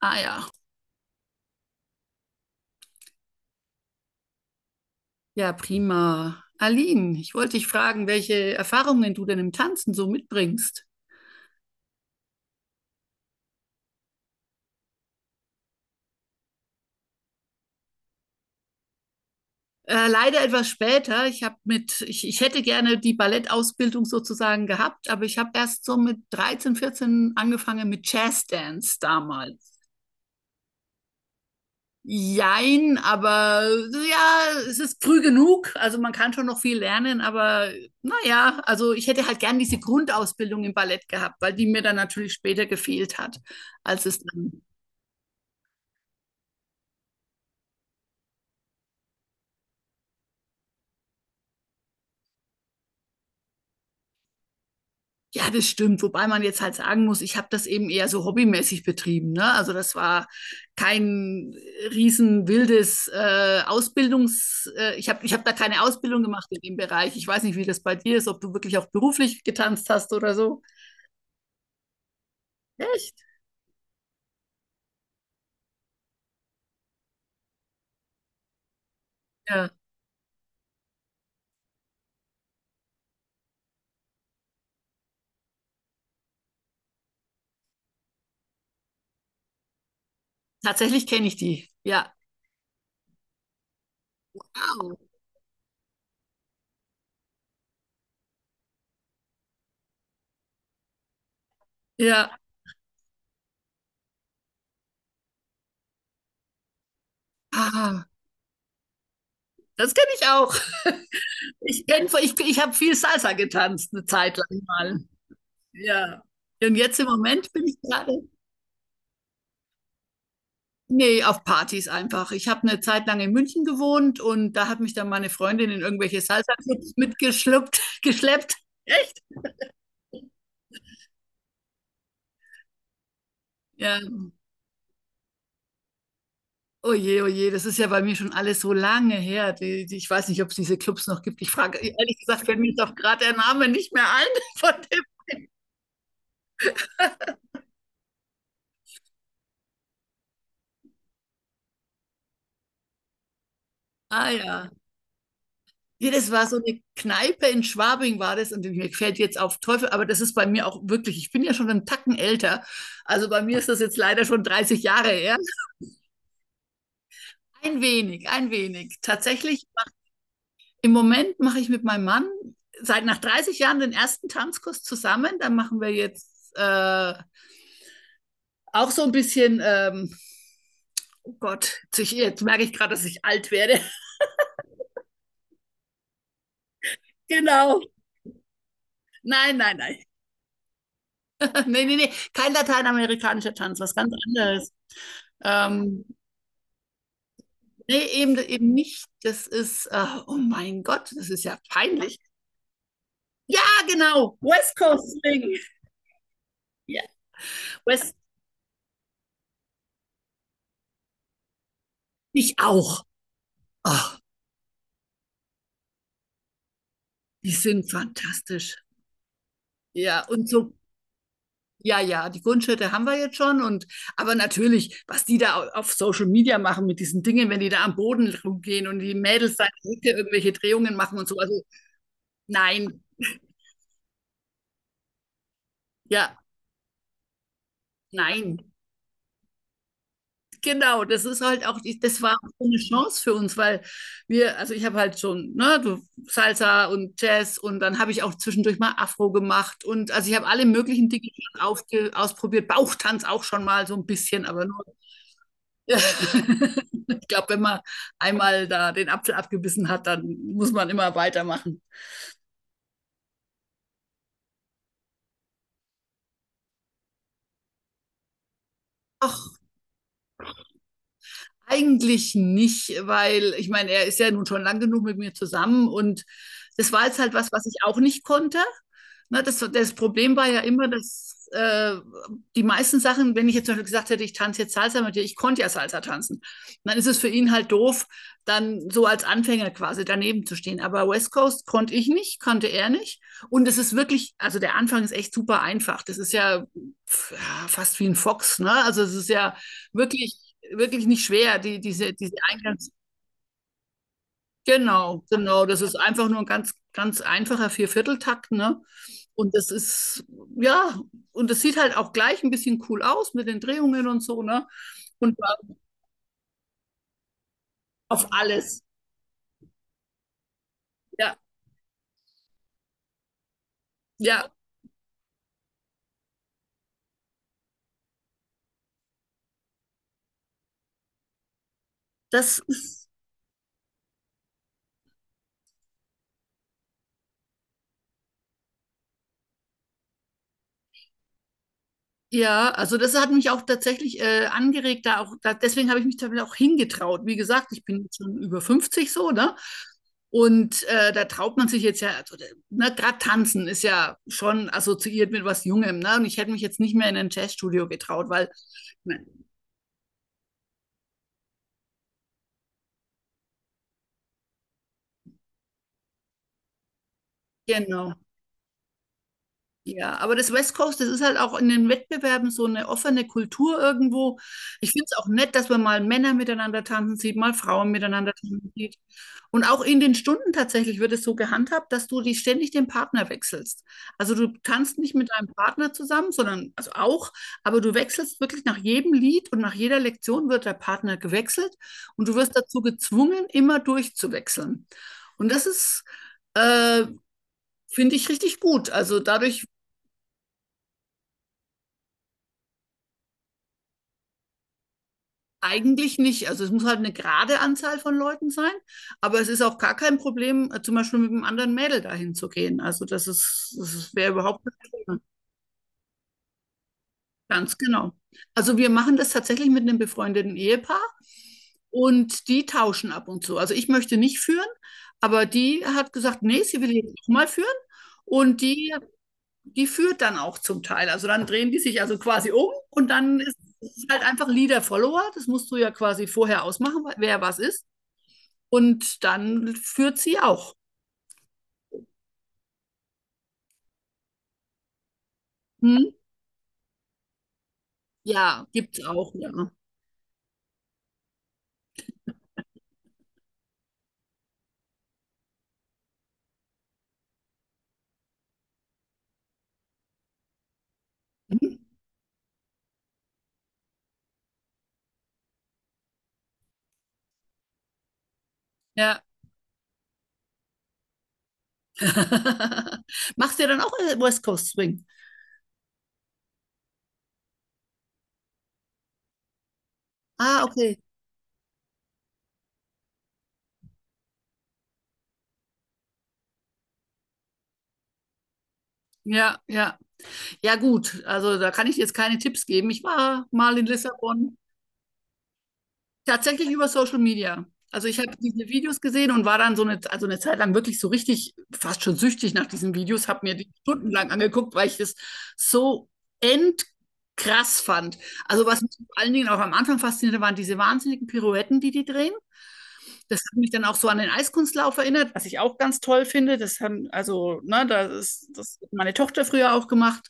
Ah ja. Ja, prima. Aline, ich wollte dich fragen, welche Erfahrungen du denn im Tanzen so mitbringst. Leider etwas später. Ich habe mit, ich hätte gerne die Ballettausbildung sozusagen gehabt, aber ich habe erst so mit 13, 14 angefangen mit Jazzdance damals. Jein, aber ja, es ist früh genug. Also man kann schon noch viel lernen, aber naja, also ich hätte halt gern diese Grundausbildung im Ballett gehabt, weil die mir dann natürlich später gefehlt hat, als es dann. Ja, das stimmt. Wobei man jetzt halt sagen muss, ich habe das eben eher so hobbymäßig betrieben. Ne? Also das war kein riesen wildes Ausbildungs. Ich hab da keine Ausbildung gemacht in dem Bereich. Ich weiß nicht, wie das bei dir ist, ob du wirklich auch beruflich getanzt hast oder so. Echt? Ja. Tatsächlich kenne ich die. Ja. Wow. Ja. Ah, das kenne ich auch. Ich habe viel Salsa getanzt, eine Zeit lang mal. Ja. Und jetzt im Moment bin ich gerade. Nee, auf Partys einfach. Ich habe eine Zeit lang in München gewohnt und da hat mich dann meine Freundin in irgendwelche Salsa-Clubs mitgeschleppt, geschleppt. Echt? Ja. Oh je, das ist ja bei mir schon alles so lange her. Ich weiß nicht, ob es diese Clubs noch gibt. Ich frage, ehrlich gesagt, fällt mir jetzt auch gerade der Name nicht mehr ein, von dem. Ah ja. Ja, das war so eine Kneipe in Schwabing war das und mir fällt jetzt auf Teufel, aber das ist bei mir auch wirklich, ich bin ja schon einen Tacken älter. Also bei mir ist das jetzt leider schon 30 Jahre her. Ein wenig, ein wenig. Tatsächlich, im Moment mache ich mit meinem Mann seit nach 30 Jahren den ersten Tanzkurs zusammen. Da machen wir jetzt auch so ein bisschen, oh Gott, jetzt merke ich gerade, dass ich alt werde. Genau. Nein, nein, nein. Nee, nee, nee. Kein lateinamerikanischer Tanz, was ganz anderes. Ähm, nee, eben, eben nicht. Oh mein Gott, das ist ja peinlich. Ah, genau. West Coast Swing. Ja. West, ich auch. Ah. Die sind fantastisch. Ja, und so, ja, ja, die Grundschritte haben wir jetzt schon. Und aber natürlich, was die da auf Social Media machen mit diesen Dingen, wenn die da am Boden rumgehen und die Mädels da in der Hütte irgendwelche Drehungen machen und so. Also nein, ja, nein. Genau, das ist halt auch, das war auch so eine Chance für uns, weil wir, also ich habe halt schon, ne, du, Salsa und Jazz und dann habe ich auch zwischendurch mal Afro gemacht und also ich habe alle möglichen Dinge schon ausprobiert, Bauchtanz auch schon mal so ein bisschen, aber nur. Ja. Ich glaube, wenn man einmal da den Apfel abgebissen hat, dann muss man immer weitermachen. Ach, eigentlich nicht, weil ich meine, er ist ja nun schon lang genug mit mir zusammen und das war jetzt halt was, was ich auch nicht konnte. Ne, das Problem war ja immer, dass die meisten Sachen, wenn ich jetzt zum Beispiel gesagt hätte, ich tanze jetzt Salsa mit dir, ich konnte ja Salsa tanzen, dann ist es für ihn halt doof, dann so als Anfänger quasi daneben zu stehen. Aber West Coast konnte ich nicht, konnte er nicht. Und es ist wirklich, also der Anfang ist echt super einfach. Das ist ja pf, ja, fast wie ein Fox, ne? Also es ist ja wirklich wirklich nicht schwer, die, diese, diese Eingangs. Genau, genau. Das ist einfach nur ein ganz, ganz einfacher Viervierteltakt, ne? Und das ist, ja, und das sieht halt auch gleich ein bisschen cool aus mit den Drehungen und so, ne? Und auf alles. Ja, ja, das ist. Ja, also das hat mich auch tatsächlich angeregt, da auch, da, deswegen habe ich mich damit auch hingetraut. Wie gesagt, ich bin jetzt schon über 50 so, ne? Und da traut man sich jetzt ja, also, ne, gerade tanzen ist ja schon assoziiert mit was Jungem, ne? Und ich hätte mich jetzt nicht mehr in ein Jazzstudio getraut, weil, ne, genau. Ja, aber das West Coast, das ist halt auch in den Wettbewerben so eine offene Kultur irgendwo. Ich finde es auch nett, dass man mal Männer miteinander tanzen sieht, mal Frauen miteinander tanzen sieht. Und auch in den Stunden tatsächlich wird es so gehandhabt, dass du die ständig den Partner wechselst. Also du tanzt nicht mit deinem Partner zusammen, sondern also auch, aber du wechselst wirklich nach jedem Lied und nach jeder Lektion wird der Partner gewechselt und du wirst dazu gezwungen, immer durchzuwechseln. Und äh, finde ich richtig gut. Also dadurch. Eigentlich nicht. Also es muss halt eine gerade Anzahl von Leuten sein, aber es ist auch gar kein Problem, zum Beispiel mit einem anderen Mädel dahin zu gehen. Also das ist, das wäre überhaupt kein Problem. Ganz genau. Also wir machen das tatsächlich mit einem befreundeten Ehepaar und die tauschen ab und zu. Also ich möchte nicht führen, aber die hat gesagt, nee, sie will jetzt auch mal führen. Und die führt dann auch zum Teil. Also dann drehen die sich also quasi um und dann ist es halt einfach Leader-Follower. Das musst du ja quasi vorher ausmachen, wer was ist. Und dann führt sie auch. Mhm. Ja, gibt's auch, ja. Mhm. Ja. Machst du ja dann auch West Coast Swing? Ah, okay. Ja, ja. Ja, gut. Also da kann ich jetzt keine Tipps geben. Ich war mal in Lissabon. Tatsächlich über Social Media. Also ich habe diese Videos gesehen und war dann so eine, also eine Zeit lang wirklich so richtig fast schon süchtig nach diesen Videos, habe mir die stundenlang angeguckt, weil ich das so endkrass fand. Also was mich vor allen Dingen auch am Anfang faszinierte, waren diese wahnsinnigen Pirouetten, die die drehen. Das hat mich dann auch so an den Eiskunstlauf erinnert, was ich auch ganz toll finde. Das haben, also, ne, das ist, das hat meine Tochter früher auch gemacht.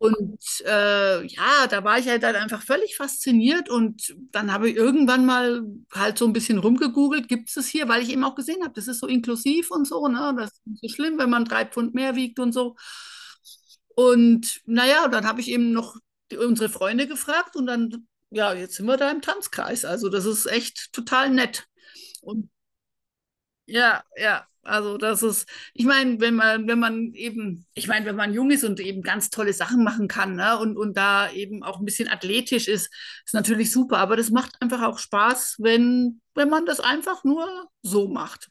Und ja, da war ich halt dann einfach völlig fasziniert und dann habe ich irgendwann mal halt so ein bisschen rumgegoogelt, gibt es es hier, weil ich eben auch gesehen habe, das ist so inklusiv und so, ne? Das ist nicht so schlimm, wenn man drei Pfund mehr wiegt und so. Und naja, dann habe ich eben noch die, unsere Freunde gefragt und dann, ja, jetzt sind wir da im Tanzkreis. Also das ist echt total nett. Und ja, ja, also das ist, ich meine, wenn man, wenn man eben, ich meine, wenn man jung ist und eben ganz tolle Sachen machen kann, ne, und da eben auch ein bisschen athletisch ist, ist natürlich super. Aber das macht einfach auch Spaß, wenn, wenn man das einfach nur so macht.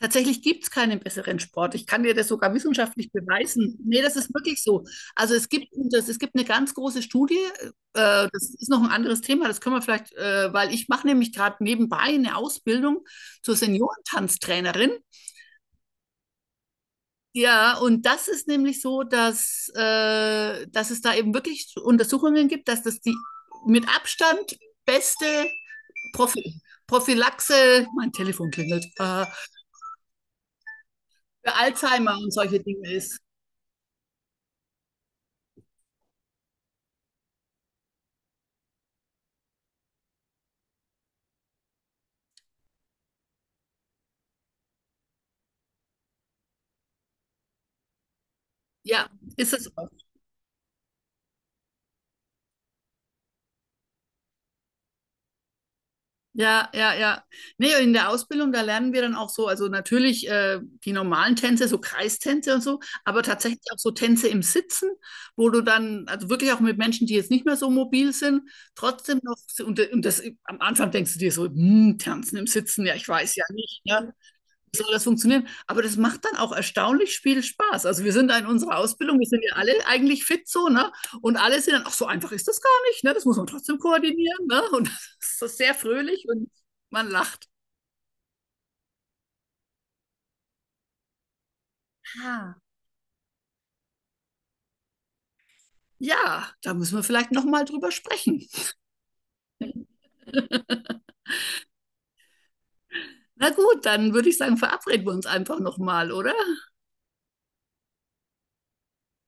Tatsächlich gibt es keinen besseren Sport. Ich kann dir das sogar wissenschaftlich beweisen. Nee, das ist wirklich so. Also es gibt, das, es gibt eine ganz große Studie, das ist noch ein anderes Thema, das können wir vielleicht, weil ich mache nämlich gerade nebenbei eine Ausbildung zur Seniorentanztrainerin. Ja, und das ist nämlich so, dass, dass es da eben wirklich Untersuchungen gibt, dass das die mit Abstand beste Prophy Prophylaxe, mein Telefon klingelt, für Alzheimer und solche Dinge ist. Ja, ist es auch. Ja, ja, ja. Nee, in der Ausbildung, da lernen wir dann auch so, also natürlich die normalen Tänze, so Kreistänze und so, aber tatsächlich auch so Tänze im Sitzen, wo du dann, also wirklich auch mit Menschen, die jetzt nicht mehr so mobil sind, trotzdem noch, und das am Anfang denkst du dir so, hm, Tanzen im Sitzen, ja, ich weiß ja nicht, ja, soll das funktionieren? Aber das macht dann auch erstaunlich viel Spaß. Also wir sind da in unserer Ausbildung, wir sind ja alle eigentlich fit so, ne? Und alle sind dann, ach, so einfach ist das gar nicht, ne? Das muss man trotzdem koordinieren, ne? Und das ist so sehr fröhlich und man lacht. Ah. Ja, da müssen wir vielleicht nochmal drüber sprechen. Na gut, dann würde ich sagen, verabreden wir uns einfach nochmal, oder?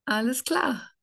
Alles klar.